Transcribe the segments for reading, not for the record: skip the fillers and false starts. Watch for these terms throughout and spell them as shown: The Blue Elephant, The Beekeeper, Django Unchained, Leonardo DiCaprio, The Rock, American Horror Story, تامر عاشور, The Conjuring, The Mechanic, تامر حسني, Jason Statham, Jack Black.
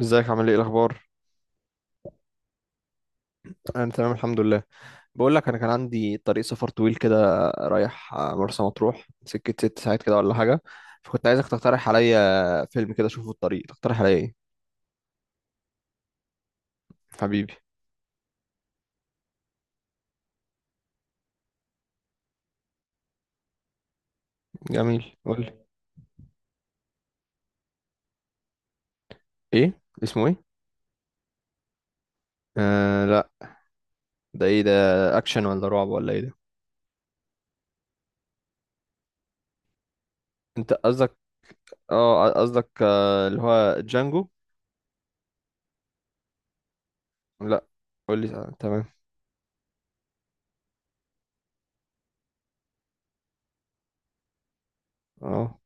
ازيك عامل ايه الاخبار؟ انا تمام الحمد لله. بقول لك، انا كان عندي طريق سفر طويل كده، رايح مرسى مطروح، سكه ست ساعات كده ولا حاجه. فكنت عايزك تقترح عليا فيلم كده اشوفه في الطريق، تقترح عليا ايه؟ حبيبي. جميل، قول لي. ايه؟ اسمه ايه؟ آه، لا. ده ايه ده؟ اكشن ولا رعب ولا ايه ده؟ انت قصدك؟ اه قصدك، اللي هو جانجو. لا، قول لي. تمام. اه.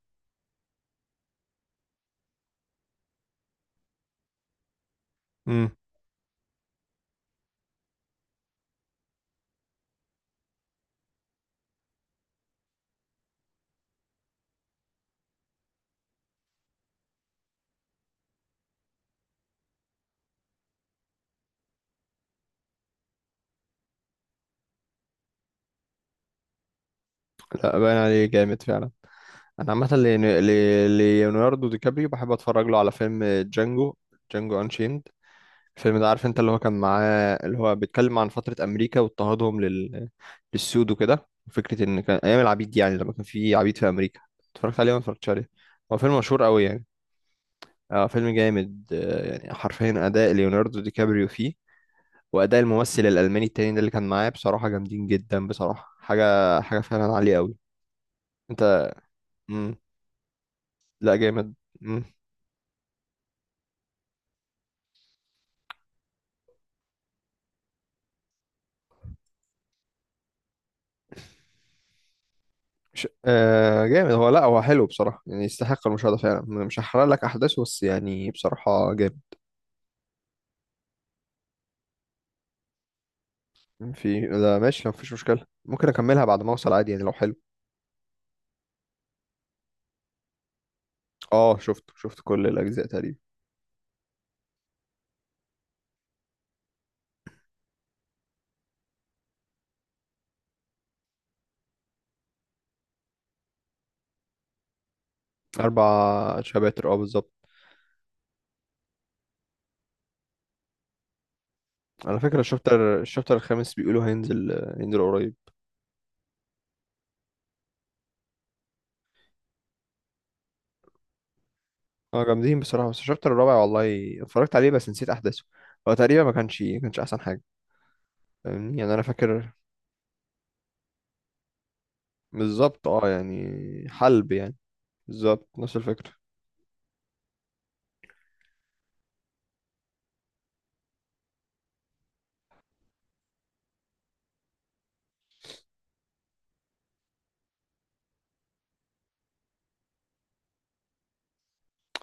امم. لا، باين عليه جامد فعلا. انا عامه ليوناردو دي كابريو بحب اتفرج له على فيلم جانجو. جانجو انشيند. الفيلم ده، عارف انت اللي هو كان معاه، اللي هو بيتكلم عن فتره امريكا واضطهادهم للسود وكده، فكره ان كان ايام العبيد دي، يعني لما كان في عبيد في امريكا. اتفرجت عليه ولا ما اتفرجتش عليه؟ هو فيلم مشهور قوي يعني. اه فيلم جامد، يعني حرفيا اداء ليوناردو دي كابريو فيه. واداء الممثل الالماني التاني ده اللي كان معاه بصراحه جامدين جدا، بصراحه حاجه حاجه فعلا عاليه قوي. انت؟ مم. لا، جامد. مم. مش جامد هو، لا هو حلو بصراحة، يعني يستحق المشاهدة فعلا، مش هحرق لك أحداثه، بس يعني بصراحة جامد. في، لا ماشي مفيش مشكلة، ممكن أكملها بعد ما أوصل عادي يعني لو حلو. اه، شفت كل الأجزاء تقريبا. أربع شباتر اه، بالظبط. على فكرة، الشابتر الخامس بيقولوا هينزل. هينزل قريب. اه جامدين بصراحة، بس الشابتر الرابع والله اتفرجت عليه بس نسيت أحداثه. هو تقريبا ما كانش أحسن حاجة. فاهمني يعني، أنا فاكر. بالظبط اه يعني. حلب يعني. بالظبط نفس الفكرة.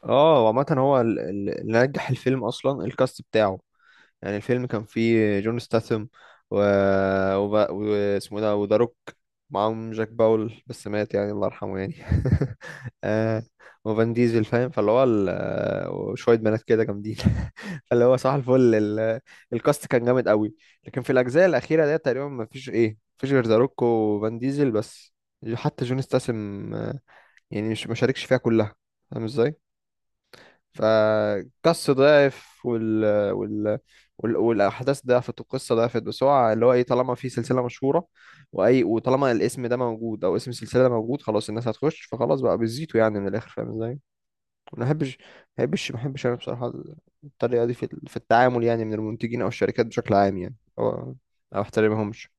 اه، وعامة هو اللي نجح الفيلم اصلا الكاست بتاعه. يعني الفيلم كان فيه جون ستاثام، و... واسمه ده وذا روك. معاهم جاك باول بس مات يعني، الله يرحمه يعني. آه، وفان ديزل فاهم، فاللي هو وشوية بنات كده جامدين. فاللي هو صح، الكاست كان جامد قوي. لكن في الأجزاء الأخيرة ديت تقريبا ما فيش إيه مفيش غير ذا روك وفان ديزل بس. حتى جون ستاثام يعني مش ما شاركش فيها كلها. فاهم ازاي؟ فقص ضعف، وال... والاحداث ضعفت والقصه ضعفت، بس هو اللي هو ايه، طالما في سلسله مشهوره واي، وطالما الاسم ده موجود او اسم السلسله ده موجود خلاص الناس هتخش، فخلاص بقى بيزيتوا يعني من الاخر، فاهم ازاي؟ ما بحبش ما ما بحبش انا بصراحه الطريقه دي في التعامل يعني من المنتجين او الشركات بشكل عام يعني، هو ما بحترمهمش.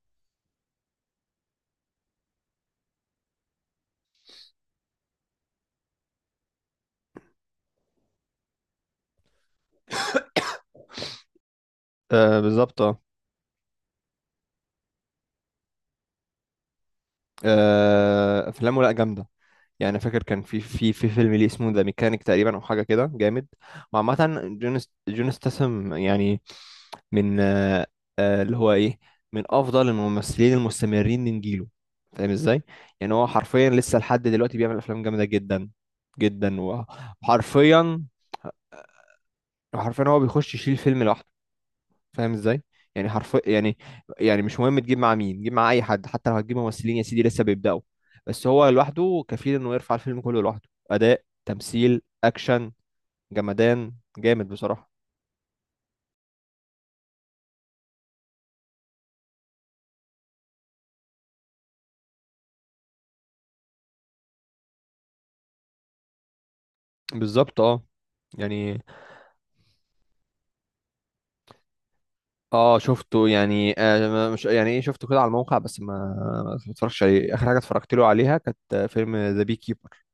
آه، بالظبط اه. آه، افلامه لا جامده. يعني أنا فاكر كان في فيلم ليه اسمه ذا ميكانيك تقريبا او حاجه كده جامد. وعامه جون ستاثام يعني. من آه، آه، اللي هو ايه من افضل الممثلين المستمرين من جيله. فاهم ازاي؟ يعني هو حرفيا لسه لحد دلوقتي بيعمل افلام جامده جدا جدا وحرفيا هو بيخش يشيل فيلم لوحده. فاهم ازاي؟ يعني حرف يعني يعني مش مهم تجيب مع مين، جيب مع اي حد، حتى لو هتجيب ممثلين يا سيدي لسه بيبداوا. بس هو لوحده كفيل انه يرفع الفيلم كله لوحده، اداء تمثيل اكشن جمدان جامد بصراحة. بالظبط اه يعني. اه شفته يعني مش يعني ايه، شفته كده على الموقع بس ما اتفرجتش عليه. اخر حاجه اتفرجت له عليها كانت فيلم ذا بي كيبر.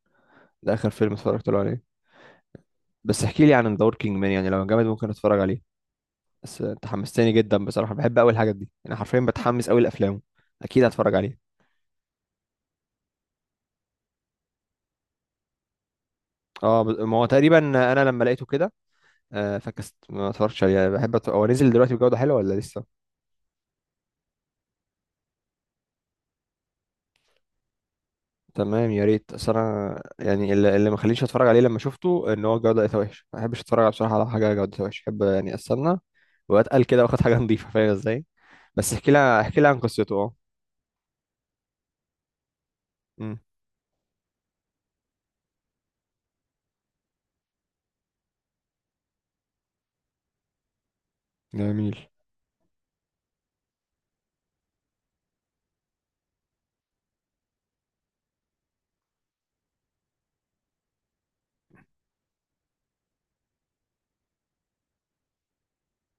ده اخر فيلم اتفرجت له عليه. بس احكي لي عن ذا وركينج مان يعني، لو جامد ممكن اتفرج عليه. بس انت حمستني جدا بصراحه، بحب قوي الحاجات دي، انا حرفيا بتحمس قوي لافلام. اكيد هتفرج عليه. اه، ما هو تقريبا. انا لما لقيته كده، فكست ما اتفرجتش عليه يعني، بحب هو نزل دلوقتي بجوده حلوه ولا لسه؟ تمام، يا ريت، اصل انا يعني اللي ما خلينيش اتفرج عليه لما شفته ان هو الجوده لقيتها وحش، ما بحبش اتفرج على، بصراحه، على حاجه جودتها وحش، بحب يعني استنى واتقل كده واخد حاجه نظيفه، فاهم ازاي؟ بس احكي لها عن قصته اه. امم. جميل.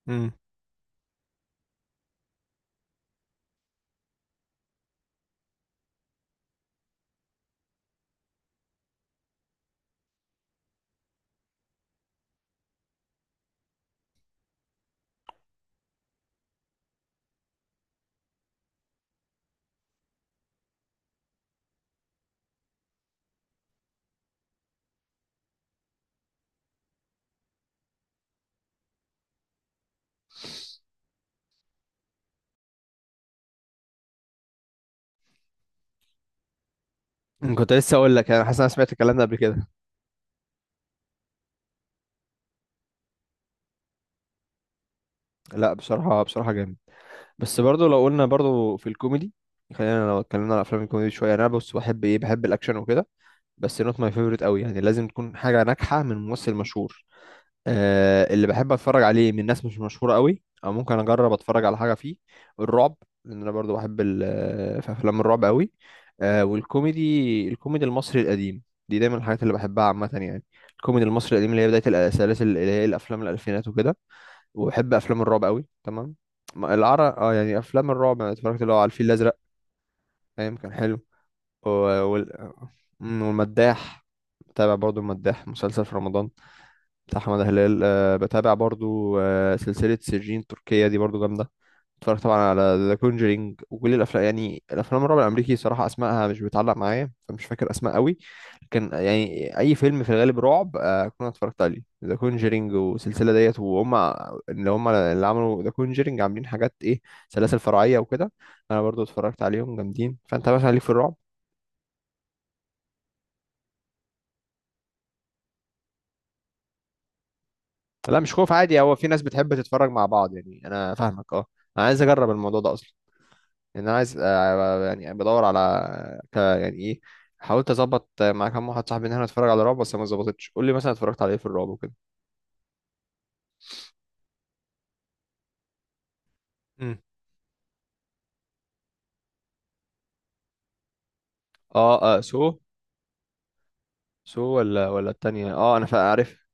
امم. كنت لسه اقول لك، انا حاسس إن انا سمعت الكلام ده قبل كده. لا بصراحه بصراحه جامد. بس برضو، لو قلنا برضو في الكوميدي، خلينا لو اتكلمنا على افلام الكوميدي شويه، انا بص بحب الاكشن وكده، بس نوت ماي فيفورت قوي يعني، لازم تكون حاجه ناجحه من ممثل مشهور. آه، اللي بحب اتفرج عليه من ناس مش مشهوره قوي، او ممكن اجرب اتفرج على حاجه فيه الرعب. لان انا برضو بحب في افلام الرعب قوي. آه، والكوميدي المصري القديم، دي دايما الحاجات اللي بحبها عامه يعني. الكوميدي المصري القديم اللي هي بدايه السلاسل اللي هي الافلام الالفينات وكده. وبحب افلام الرعب قوي، تمام. العرب اه يعني افلام الرعب، انا اتفرجت اللي هو على الفيل الازرق ايام كان حلو. و- وال... والمداح. بتابع برضو المداح مسلسل في رمضان، بتاع احمد هلال. أه، بتابع برضو. أه، سلسلة سجين تركية دي برضو جامدة. اتفرجت طبعا على ذا كونجرينج وكل الافلام، يعني الافلام الرعب الامريكي صراحه اسمائها مش بتعلق معايا، فمش فاكر اسماء قوي. لكن يعني اي فيلم في الغالب رعب، كنا اتفرجت عليه ذا كونجرينج والسلسله ديت، وهم اللي هم اللي عملوا ذا كونجرينج عاملين حاجات ايه، سلاسل فرعيه وكده. انا برضو اتفرجت عليهم جامدين. فانت مثلا ليك في الرعب؟ لا مش خوف عادي، هو في ناس بتحب تتفرج مع بعض يعني، انا فاهمك اه. انا عايز اجرب الموضوع ده اصلا، لان انا عايز يعني بدور على يعني ايه، حاولت اظبط مع كام واحد صاحبي ان احنا نتفرج على رعب بس ما ظبطتش. قول لي مثلا اتفرجت على ايه في الرعب وكده. مم. اه، آه سو. سو ولا التانية، اه انا عارف.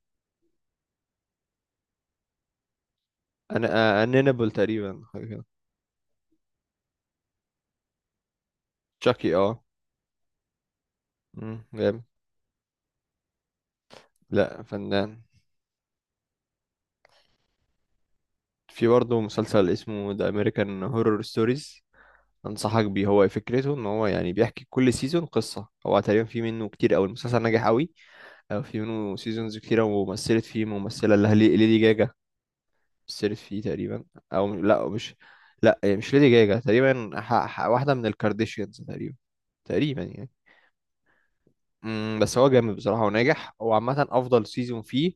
انا انينبل تقريبا، حاجة كده. تشاكي اه. مم، جامد. لا فنان. في برضه مسلسل اسمه ذا امريكان هورور ستوريز، انصحك بيه، هو فكرته ان هو يعني بيحكي كل سيزون قصة، هو تقريبا في منه كتير قوي، المسلسل ناجح قوي. في منه سيزونز كتيرة، ومثلت فيه ممثلة اللي هي ليدي جاجا، مثلت فيه تقريبا. أو لا مش، لا هي مش ليدي جاجا تقريبا، واحدة من الكارديشيانز تقريبا، تقريبا يعني. مم، بس هو جامد بصراحة وناجح. هو عامة أفضل سيزون فيه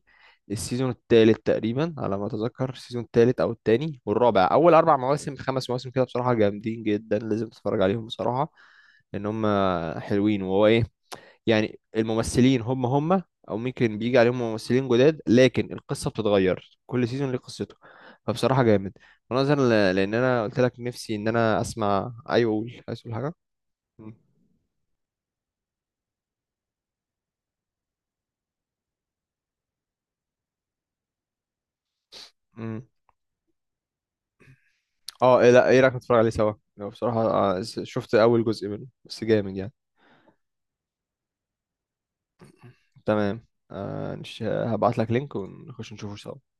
السيزون التالت تقريبا على ما أتذكر، السيزون التالت أو التاني والرابع، أول أربع مواسم خمس مواسم كده بصراحة جامدين جدا، لازم تتفرج عليهم بصراحة، لأن هم حلوين. وهو إيه، يعني الممثلين هم هم، او ممكن بيجي عليهم ممثلين جداد، لكن القصه بتتغير كل سيزون ليه قصته، فبصراحه جامد. ونظرا لان انا قلت لك نفسي ان انا اسمع، ايوه قول، عايز تقول حاجه؟ مم. مم. اه، إيه لا ايه رايك نتفرج عليه سوا لو بصراحه؟ شفت اول جزء منه بس جامد يعني. تمام. آه، هبعت لك لينك ونخش نشوفه سوا.